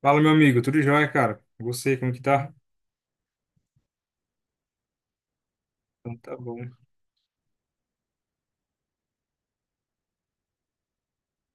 Fala, meu amigo, tudo jóia, cara? Você, como que tá? Então tá bom.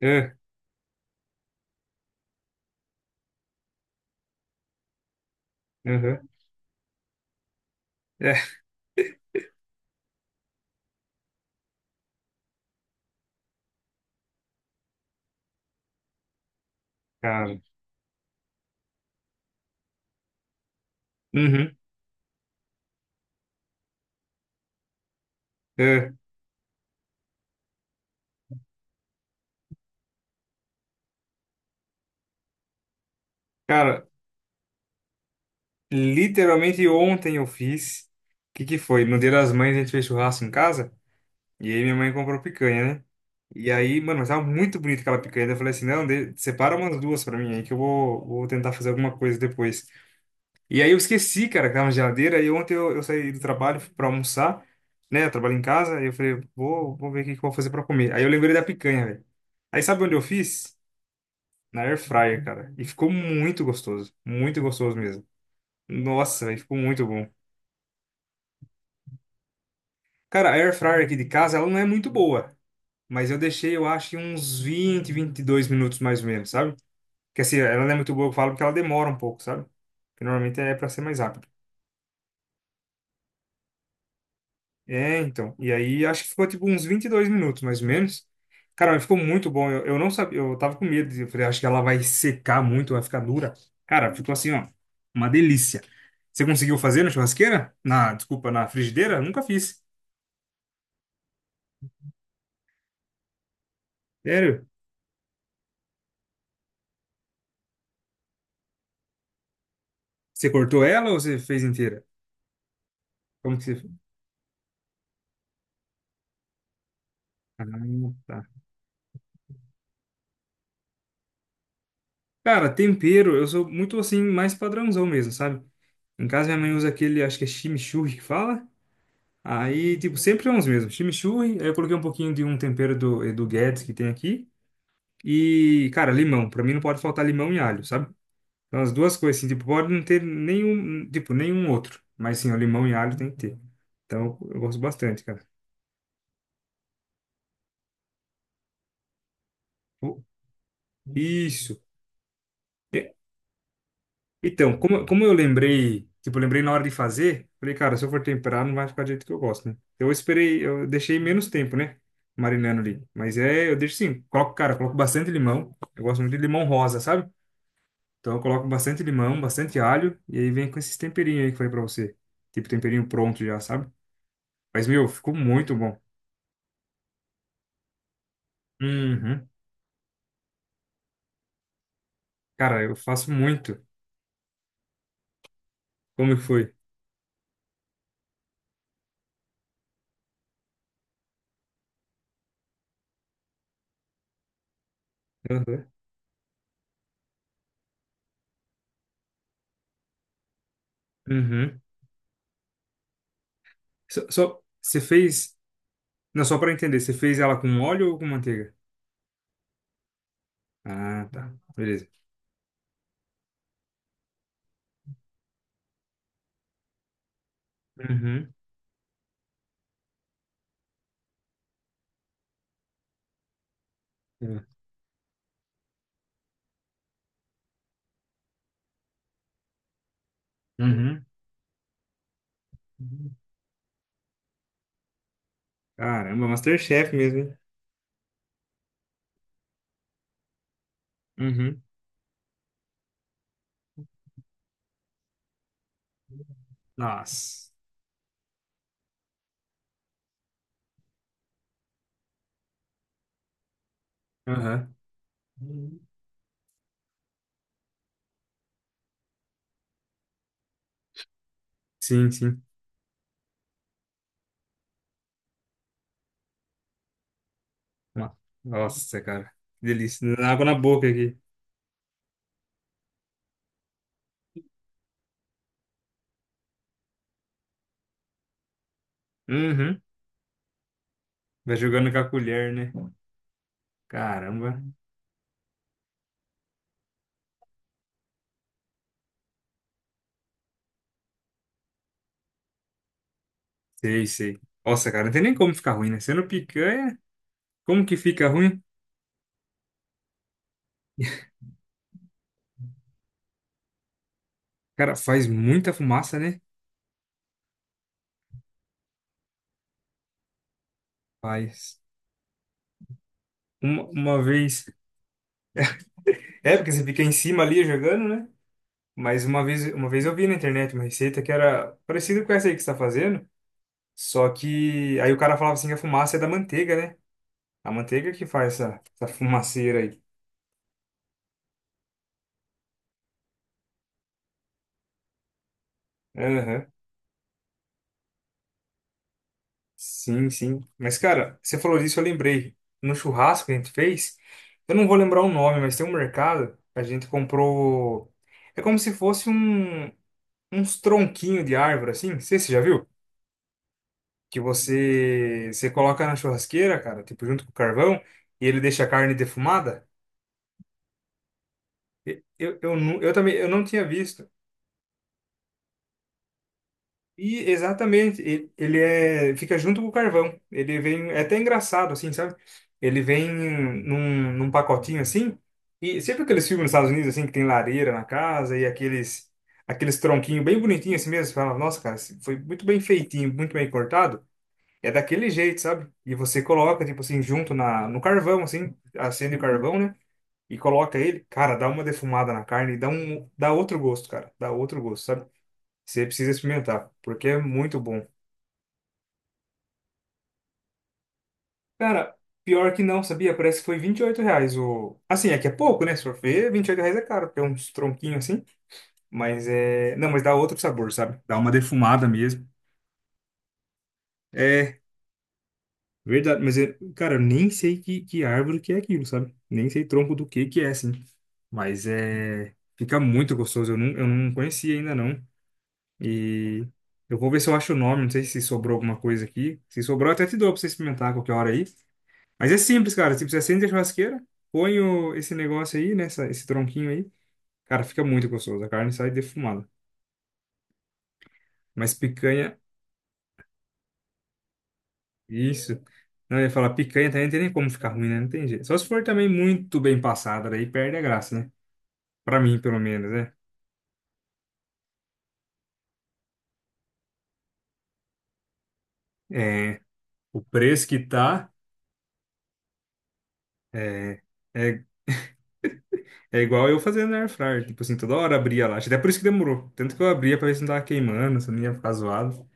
É, aham, é, cara. Uhum, é. Cara, literalmente ontem eu fiz. O que que foi? No Dia das Mães a gente fez churrasco em casa. E aí minha mãe comprou picanha, né? E aí, mano, mas tava muito bonita aquela picanha. Daí eu falei assim: não, separa umas duas pra mim aí que eu vou, tentar fazer alguma coisa depois. E aí eu esqueci, cara, que tava na geladeira. E ontem eu saí do trabalho, fui pra almoçar, né? Eu trabalho em casa. E eu falei, vou, ver o que que eu vou fazer pra comer. Aí eu lembrei da picanha, velho. Aí sabe onde eu fiz? Na air fryer, cara. E ficou muito gostoso. Muito gostoso mesmo. Nossa, velho, ficou muito bom. Cara, a air fryer aqui de casa, ela não é muito boa. Mas eu deixei, eu acho, em uns 20, 22 minutos mais ou menos, sabe? Que assim, ela não é muito boa, eu falo, porque ela demora um pouco, sabe? Que normalmente é pra ser mais rápido. É, então. E aí acho que ficou tipo uns 22 minutos, mais ou menos. Cara, mas ficou muito bom. Eu não sabia, eu tava com medo. Eu falei, acho que ela vai secar muito, vai ficar dura. Cara, ficou assim, ó, uma delícia. Você conseguiu fazer na churrasqueira? Na, desculpa, na frigideira? Nunca fiz. Sério? Você cortou ela ou você fez inteira? Como que você? Ah, tá. Cara, tempero, eu sou muito assim, mais padrãozão mesmo, sabe? Em casa minha mãe usa aquele, acho que é chimichurri que fala. Aí, tipo, sempre são os mesmos. Chimichurri, aí eu coloquei um pouquinho de um tempero do Edu Guedes que tem aqui. E, cara, limão. Pra mim não pode faltar limão e alho, sabe? Então as duas coisas, assim, tipo, pode não ter nenhum, tipo, nenhum outro. Mas sim, o limão e alho tem que ter. Então eu gosto bastante, cara. O- Isso. Então, como eu lembrei, tipo, eu lembrei na hora de fazer, falei, cara, se eu for temperar, não vai ficar do jeito que eu gosto, né? Então, eu esperei, eu deixei menos tempo, né? Marinando ali. Mas é, eu deixo sim, coloco, cara, coloco bastante limão. Eu gosto muito de limão rosa, sabe? Então eu coloco bastante limão, bastante alho, e aí vem com esses temperinhos aí que eu falei pra você. Tipo, temperinho pronto já, sabe? Mas, meu, ficou muito bom. Uhum. Cara, eu faço muito. Como que foi? Uhum. Uhum. Você fez, não, só pra entender, você fez ela com óleo ou com manteiga? Ah, tá. Beleza. Uhum. É. Uhum. Uhum. Caramba, MasterChef mesmo, hein? Uhum. Nossa. Aham. Sim, sim. No- Nossa, cara. Que delícia. Dá água na boca aqui. Uhum. Vai jogando com a colher, né? Caramba. Sei, sei. Nossa, cara, não tem nem como ficar ruim, né? Sendo picanha, como que fica ruim? Cara, faz muita fumaça, né? Faz. Uma vez. É, porque você fica em cima ali jogando, né? Mas uma vez eu vi na internet uma receita que era parecida com essa aí que você está fazendo, só que aí o cara falava assim que a fumaça é da manteiga, né? A manteiga que faz essa fumaceira aí. Aham. Sim, sim. Mas, cara, você falou disso, eu lembrei. No churrasco que a gente fez, eu não vou lembrar o nome, mas tem um mercado, a gente comprou. É como se fosse uns tronquinhos de árvore, assim. Não sei se você já viu? Que você coloca na churrasqueira, cara, tipo, junto com o carvão, e ele deixa a carne defumada. Eu também eu não tinha visto. E exatamente, ele é, fica junto com o carvão. Ele vem, é até engraçado assim, sabe? Ele vem num pacotinho assim. E sempre aqueles filmes nos Estados Unidos assim que tem lareira na casa e aqueles tronquinhos bem bonitinhos assim mesmo, você fala, nossa, cara, esse foi muito bem feitinho, muito bem cortado. É daquele jeito, sabe? E você coloca tipo assim junto na no carvão assim, acende o carvão, né? E coloca ele, cara, dá uma defumada na carne e dá outro gosto, cara. Dá outro gosto, sabe? Você precisa experimentar, porque é muito bom. Cara, pior que não, sabia? Parece que foi R$ 28 o. Assim, é que é pouco, né? Se for ver, R$ 28 é caro, porque é uns tronquinhos assim. Mas é. Não, mas dá outro sabor, sabe? Dá uma defumada mesmo. É, verdade. Mas é, cara, eu nem sei que árvore que é aquilo, sabe? Nem sei tronco do que é, assim. Mas é. Fica muito gostoso. Eu não conhecia ainda, não. E. Eu vou ver se eu acho o nome. Não sei se sobrou alguma coisa aqui. Se sobrou, eu até te dou pra você experimentar a qualquer hora aí. Mas é simples, cara. Tipo, você acende a churrasqueira, põe esse negócio aí, né? Esse tronquinho aí. Cara, fica muito gostoso. A carne sai defumada. Mas picanha, isso. Não, eu ia falar, picanha também não tem nem como ficar ruim, né? Não tem jeito. Só se for também muito bem passada, daí perde a graça, né? Pra mim, pelo menos, né? É, o preço que tá é, é, é igual eu fazendo na air fryer. Tipo assim, toda hora abria lá. Acho que até por isso que demorou. Tanto que eu abria pra ver se não tava queimando, se não ia ficar zoado.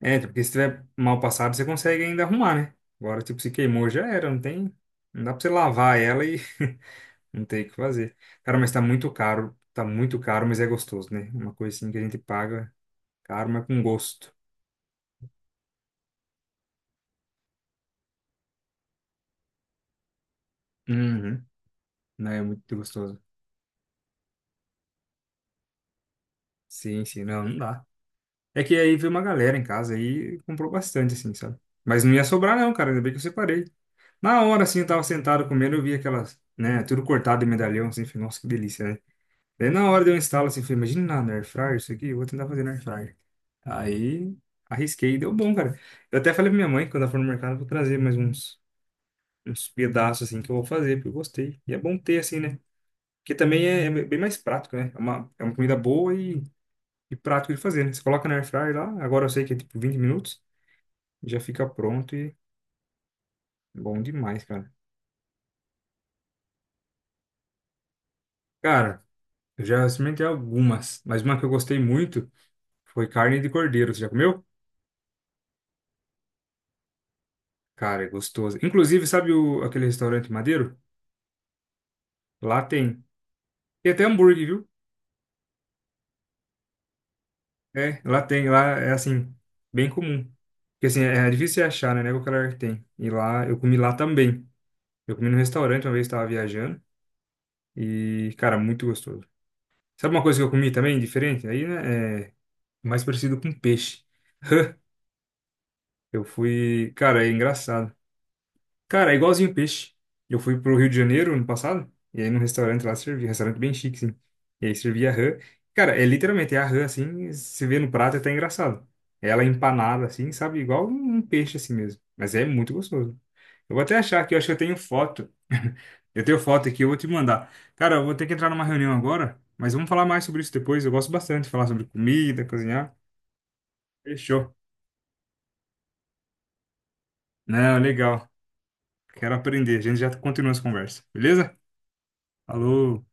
É, tipo, porque se tiver mal passado, você consegue ainda arrumar, né? Agora, tipo, se queimou, já era, não tem. Não dá pra você lavar ela e não tem o que fazer. Cara, mas tá muito caro. Tá muito caro, mas é gostoso, né? Uma coisa assim que a gente paga caro, mas com gosto. Uhum. Não, é muito gostoso. Sim, sim, não, não dá. É que aí veio uma galera em casa e comprou bastante, assim, sabe? Mas não ia sobrar, não, cara. Ainda bem que eu separei. Na hora, assim, eu tava sentado comendo, eu vi aquelas, né? Tudo cortado em medalhão, assim, falei, nossa, que delícia, né? Daí na hora de eu instalar, assim, falei, imagina na Air Fryer isso aqui, eu vou tentar fazer na Air Fryer. Aí arrisquei, e deu bom, cara. Eu até falei pra minha mãe, quando ela for no mercado, eu vou trazer mais uns, pedaços, assim, que eu vou fazer, porque eu gostei. E é bom ter, assim, né? Porque também é bem mais prático, né? É uma comida boa e prático de fazer, né? Você coloca na Air Fryer lá, agora eu sei que é tipo 20 minutos, já fica pronto e bom demais, cara. Cara, eu já experimentei algumas, mas uma que eu gostei muito foi carne de cordeiro. Você já comeu? Cara, é gostoso. Inclusive, sabe aquele restaurante Madeiro? Lá tem. Tem até hambúrguer, viu? É, lá tem. Lá é assim, bem comum. Porque assim, é difícil você achar, né? Não é qualquer lugar que tem. E lá, eu comi lá também. Eu comi no restaurante uma vez, estava viajando. E, cara, muito gostoso. Sabe uma coisa que eu comi também, diferente? Aí, né? É mais parecido com peixe. Eu fui. Cara, é engraçado. Cara, é igualzinho peixe. Eu fui pro Rio de Janeiro ano passado, e aí num restaurante lá servia, restaurante bem chique, sim. E aí servia rã. Cara, é literalmente é a rã, assim, você vê no prato é até engraçado. É ela empanada, assim, sabe? Igual um peixe, assim mesmo. Mas é muito gostoso. Eu vou até achar aqui, eu acho que eu tenho foto. Eu tenho foto aqui, eu vou te mandar. Cara, eu vou ter que entrar numa reunião agora, mas vamos falar mais sobre isso depois. Eu gosto bastante de falar sobre comida, cozinhar. Fechou. Não, legal. Quero aprender. A gente já continua essa conversa, beleza? Falou.